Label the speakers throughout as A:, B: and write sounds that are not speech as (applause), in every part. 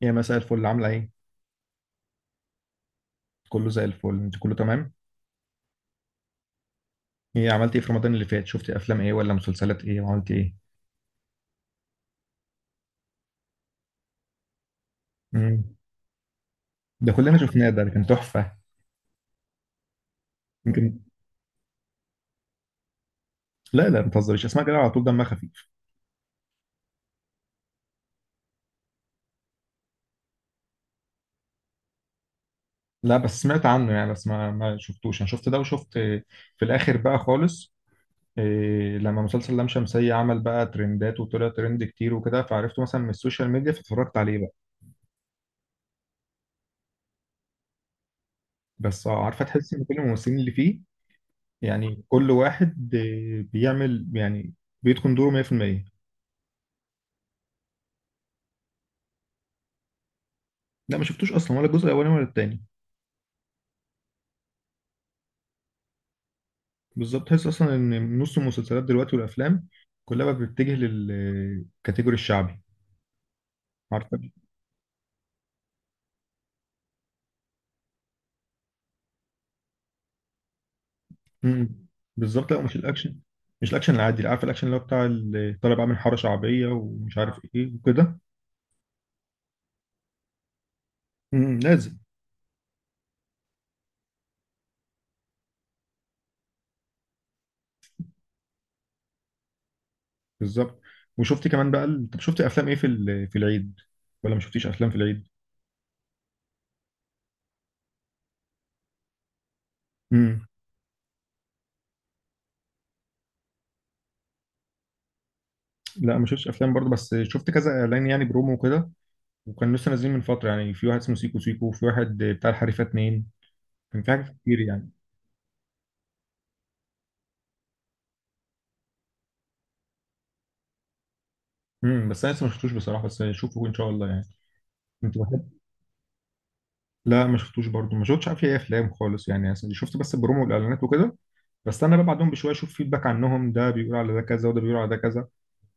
A: يا مساء الفل، عاملة ايه؟ كله زي الفل، انت كله تمام؟ ايه، عملت ايه في رمضان اللي فات؟ شفتي افلام ايه ولا مسلسلات ايه وعملت ايه؟ مم. ده كلنا شفناه، ده كان تحفة. يمكن. لا لا، ما تهزريش، اسمع كده على طول دمها خفيف. لا بس سمعت عنه يعني، بس ما شفتوش، انا شفت ده وشفت في الاخر بقى خالص. إيه، لما مسلسل لام شمسية عمل بقى ترندات وطلع ترند كتير وكده، فعرفته مثلا من السوشيال ميديا فاتفرجت عليه بقى. بس عارفة، تحس ان كل الممثلين اللي فيه يعني كل واحد بيعمل يعني بيتقن دوره 100%. لا ما شفتوش اصلا، ولا الجزء الاولاني ولا التاني. بالظبط، تحس اصلا ان نص المسلسلات دلوقتي والافلام كلها بقت بتتجه للكاتيجوري الشعبي. عارفه. امم. بالظبط، لا مش الاكشن، مش الاكشن العادي، اللي عارف الاكشن اللي هو بتاع طالع بعمل حاره شعبيه ومش عارف ايه وكده. امم، لازم. بالظبط. وشفت كمان بقى طب شفت افلام ايه في في العيد؟ ولا ما شفتيش افلام في العيد؟ امم. لا، ما شفتش افلام برضه، بس شفت كذا اعلان يعني برومو وكده، وكان لسه نازلين من فتره، يعني في واحد اسمه سيكو سيكو، وفي واحد بتاع الحريفه اتنين، كان في حاجات كتير يعني. امم. بس انا لسه ما شفتوش بصراحه، بس اشوفه ان شاء الله يعني. كنت بحب. لا، ما شفتوش برضه، ما شفتش عارف ايه افلام خالص يعني، أصل شفت بس البرومو والاعلانات وكده. بستنى بقى بعدهم بشويه اشوف فيدباك عنهم، ده بيقول على ده كذا وده بيقول على ده كذا.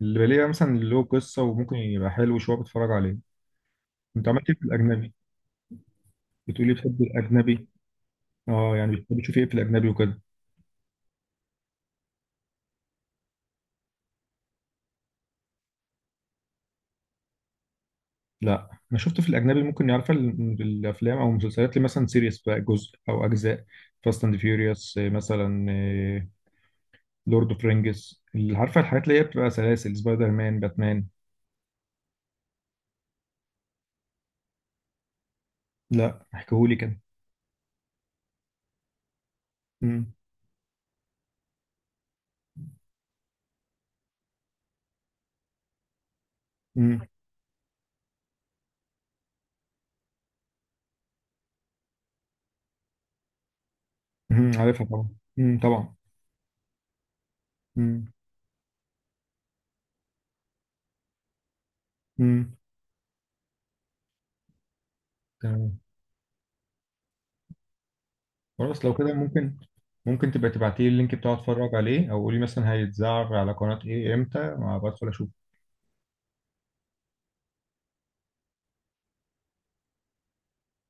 A: اللي بلاقيه مثلا اللي له قصه وممكن يبقى حلو شويه بتفرج عليه. انت عملت ايه في الاجنبي؟ بتقولي بتحب الاجنبي. اه يعني بتحب تشوفي ايه في الاجنبي وكده؟ لا انا شفت في الاجنبي ممكن يعرف الافلام او المسلسلات، اللي مثلا سيريس بقى جزء او اجزاء، فاست اند فيوريوس مثلا، لورد اوف رينجز، اللي عارفه الحاجات اللي هي بتبقى سلاسل، سبايدر مان، باتمان. لا احكيهولي كده. امم. امم. امم، عارفها طبعا. امم، طبعا. امم. امم. تمام. خلاص، لو كده ممكن تبقى تبعتي لي اللينك بتاعه اتفرج عليه، او قولي مثلا هيتذاع على قناة ايه امتى ما بدخل اشوف.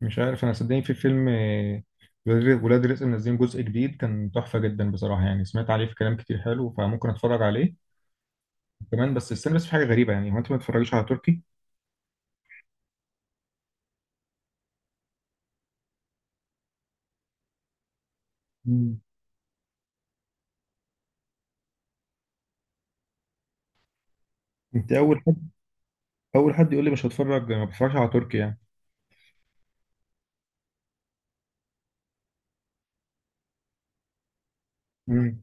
A: مش عارف، انا صدقني في فيلم ولاد رزق منزلين جزء جديد، كان تحفة جدا بصراحة، يعني سمعت عليه في كلام كتير حلو، فممكن اتفرج عليه كمان، بس استنى. بس في حاجة غريبة يعني، هو انت ما بتتفرجيش على تركي؟ مم. انت اول حد يقول لي مش هتفرج، ما بتفرجش على تركي يعني. امم.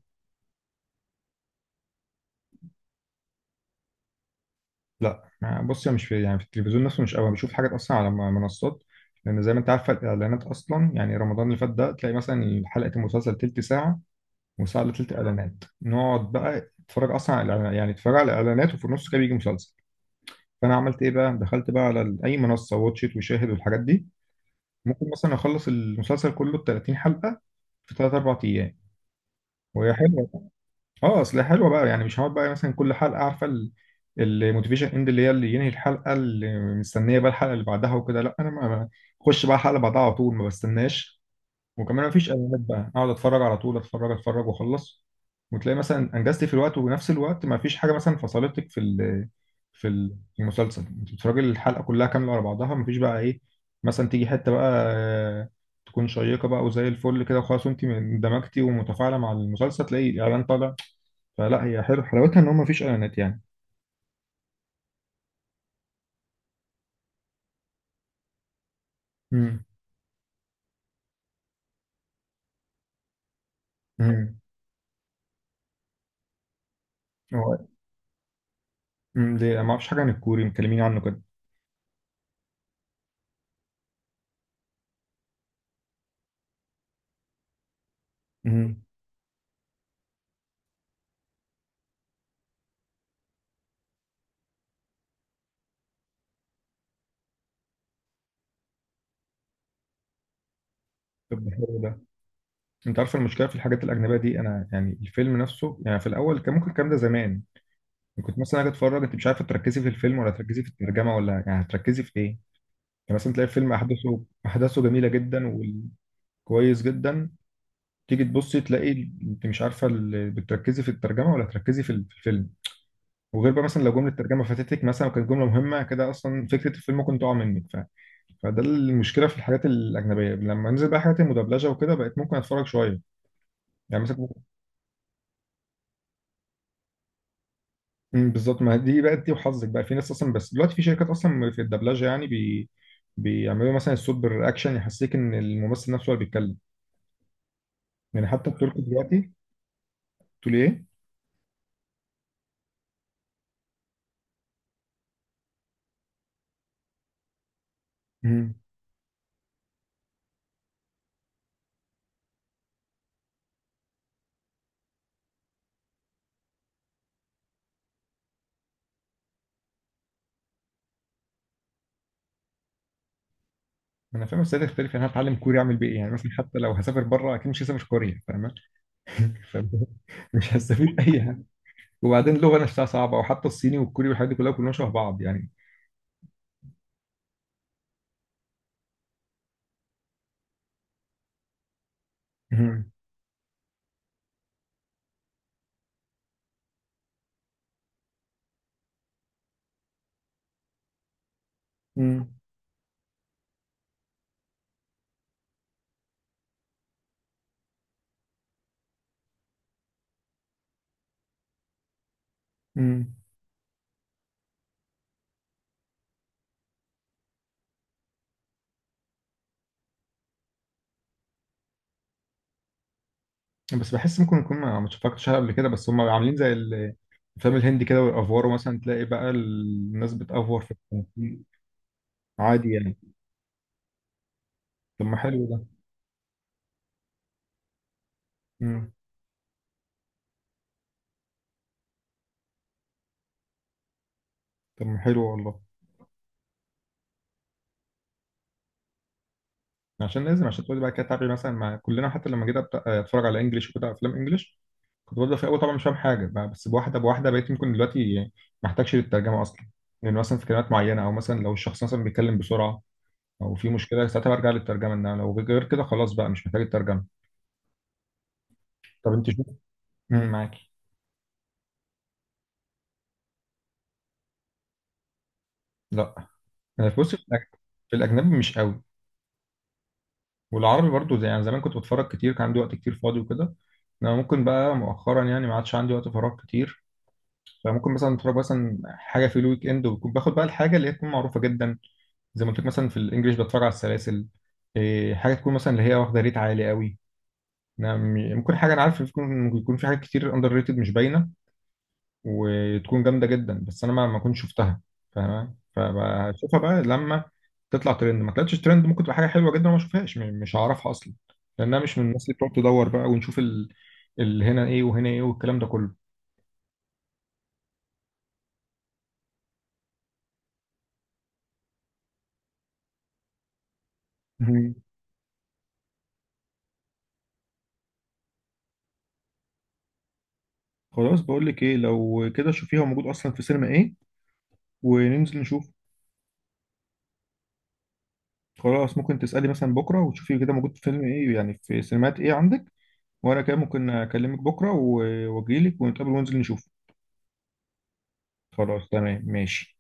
A: لا بص، أنا مش في يعني في التلفزيون نفسه مش قوي، أنا بشوف حاجات اصلا على منصات. لان زي ما انت عارف، الاعلانات اصلا يعني رمضان اللي فات ده تلاقي مثلا حلقه المسلسل تلت ساعه وساعه الا تلت اعلانات. نقعد بقى نتفرج اصلا على يعني نتفرج على الاعلانات، وفي النص كده بيجي مسلسل. فانا عملت ايه بقى؟ دخلت بقى على اي منصه، واتشيت وشاهد والحاجات دي. ممكن مثلا اخلص المسلسل كله ب 30 حلقه في 3 4 ايام، وهي حلوه. اه، اصل حلوه بقى يعني، مش هقعد بقى مثلا كل حلقه عارفه الموتيفيشن اند، اللي هي اللي ينهي الحلقه اللي مستنيه بقى الحلقه اللي بعدها وكده، لا انا ما بخش بقى الحلقه بعدها على طول، ما بستناش. وكمان ما فيش اعلانات، بقى اقعد اتفرج على طول، اتفرج اتفرج واخلص. وتلاقي مثلا انجزت في الوقت، وبنفس الوقت ما فيش حاجه مثلا فصلتك في في في المسلسل، انت بتتفرجي الحلقه كلها كامله على بعضها، ما فيش بقى ايه مثلا تيجي حته بقى تكون شيقه بقى وزي الفل كده وخلاص، وانت اندمجتي ومتفاعله مع المسلسل، تلاقي اعلان طالع. فلا، هي حلو حلاوتها ان هو مفيش اعلانات يعني. امم. امم. هو ليه ما اعرفش حاجه عن الكوري، مكلمين عنه كده. امم. طب حلو ده. انت عارف المشكله في الحاجات الاجنبيه دي، انا يعني الفيلم نفسه يعني في الاول كان ممكن الكلام ده زمان، يعني كنت مثلا اجي اتفرج، انت مش عارفه تركزي في الفيلم ولا تركزي في الترجمه ولا يعني هتركزي في ايه. يعني مثلا تلاقي الفيلم احداثه جميله جدا وكويس جدا. تيجي تبصي، تلاقي انت مش عارفه بتركزي في الترجمه ولا تركزي في الفيلم. وغير بقى مثلا لو جمله الترجمه فاتتك مثلا وكانت جمله مهمه كده، اصلا فكره الفيلم ممكن تقع منك فده المشكله في الحاجات الاجنبيه. لما نزل بقى حاجات المدبلجه وكده بقيت ممكن اتفرج شويه، يعني مثلا أمم، بالظبط، ما دي بقى دي وحظك بقى في ناس اصلا، بس دلوقتي في شركات اصلا في الدبلجه يعني بيعملوا مثلا الصوت بالرياكشن، يحسسك ان الممثل نفسه هو اللي بيتكلم. يعني حتى التركي دلوقتي. تقول ايه؟ أمم، انا فاهم، بس ده تختلف يعني، أنا هتعلم كوري اعمل بيه ايه؟ يعني مثلا حتى لو هسافر بره اكيد مش هسافر كوريا، فاهمه؟ (laughs) فمش هستفيد اي. وبعدين اللغه نفسها صعبه، وحتى الصيني والكوري والحاجات دي كلها، كلهم شبه بعض يعني. مم. مم. مم. بس بحس ممكن يكون ما اتفرجتش عليها قبل كده، بس هم عاملين زي الفيلم الهندي كده والافوار، مثلا تلاقي بقى الناس بتافور في التمثيل. عادي يعني. طب ما حلو ده. مم. طب ما حلو والله. عشان لازم، عشان تقولي بقى كده تعبي مثلا مع كلنا، حتى لما جيت اتفرج على انجلش وكده افلام انجلش، كنت ببدا في الاول طبعا مش فاهم حاجه بقى، بس بواحده بواحده بقيت ممكن دلوقتي ما احتاجش للترجمه اصلا. لان مثلا في كلمات معينه، او مثلا لو الشخص مثلا بيتكلم بسرعه او في مشكله ساعتها برجع للترجمه، انما لو غير كده خلاص بقى مش محتاج الترجمه. طب انت شوف. مم، معاكي. لا، أنا في بص، في في الاجنبي مش قوي، والعربي برضو زي يعني زمان كنت بتفرج كتير، كان عندي وقت كتير فاضي وكده. انا ممكن بقى مؤخرا يعني ما عادش عندي وقت فراغ كتير، فممكن مثلا اتفرج مثلا حاجه في الويك اند، وبكون باخد بقى الحاجه اللي هي تكون معروفه جدا. زي ما قلت لك مثلا في الانجليش، بتفرج على السلاسل. إيه، حاجه تكون مثلا اللي هي واخده ريت عالي قوي. أنا ممكن حاجه انا عارف يكون في حاجات كتير اندر ريتد مش باينه وتكون جامده جدا، بس انا ما كنتش شفتها فاهمه. فبشوفها بقى لما تطلع ترند، ما طلعتش ترند ممكن تبقى حاجه حلوه جدا وما اشوفهاش مش هعرفها اصلا، لانها مش من الناس اللي بتقعد تدور بقى ونشوف ال هنا ايه وهنا ايه والكلام ده كله. مم. خلاص، بقول لك ايه، لو كده شوفيه هو موجود اصلا في سينما ايه وننزل نشوف. خلاص، ممكن تسألي مثلا بكره وتشوفي كده موجود في فيلم ايه، يعني في سينمات ايه عندك، وانا كده ممكن اكلمك بكره واجيلك ونتقابل وننزل نشوف. خلاص تمام ماشي.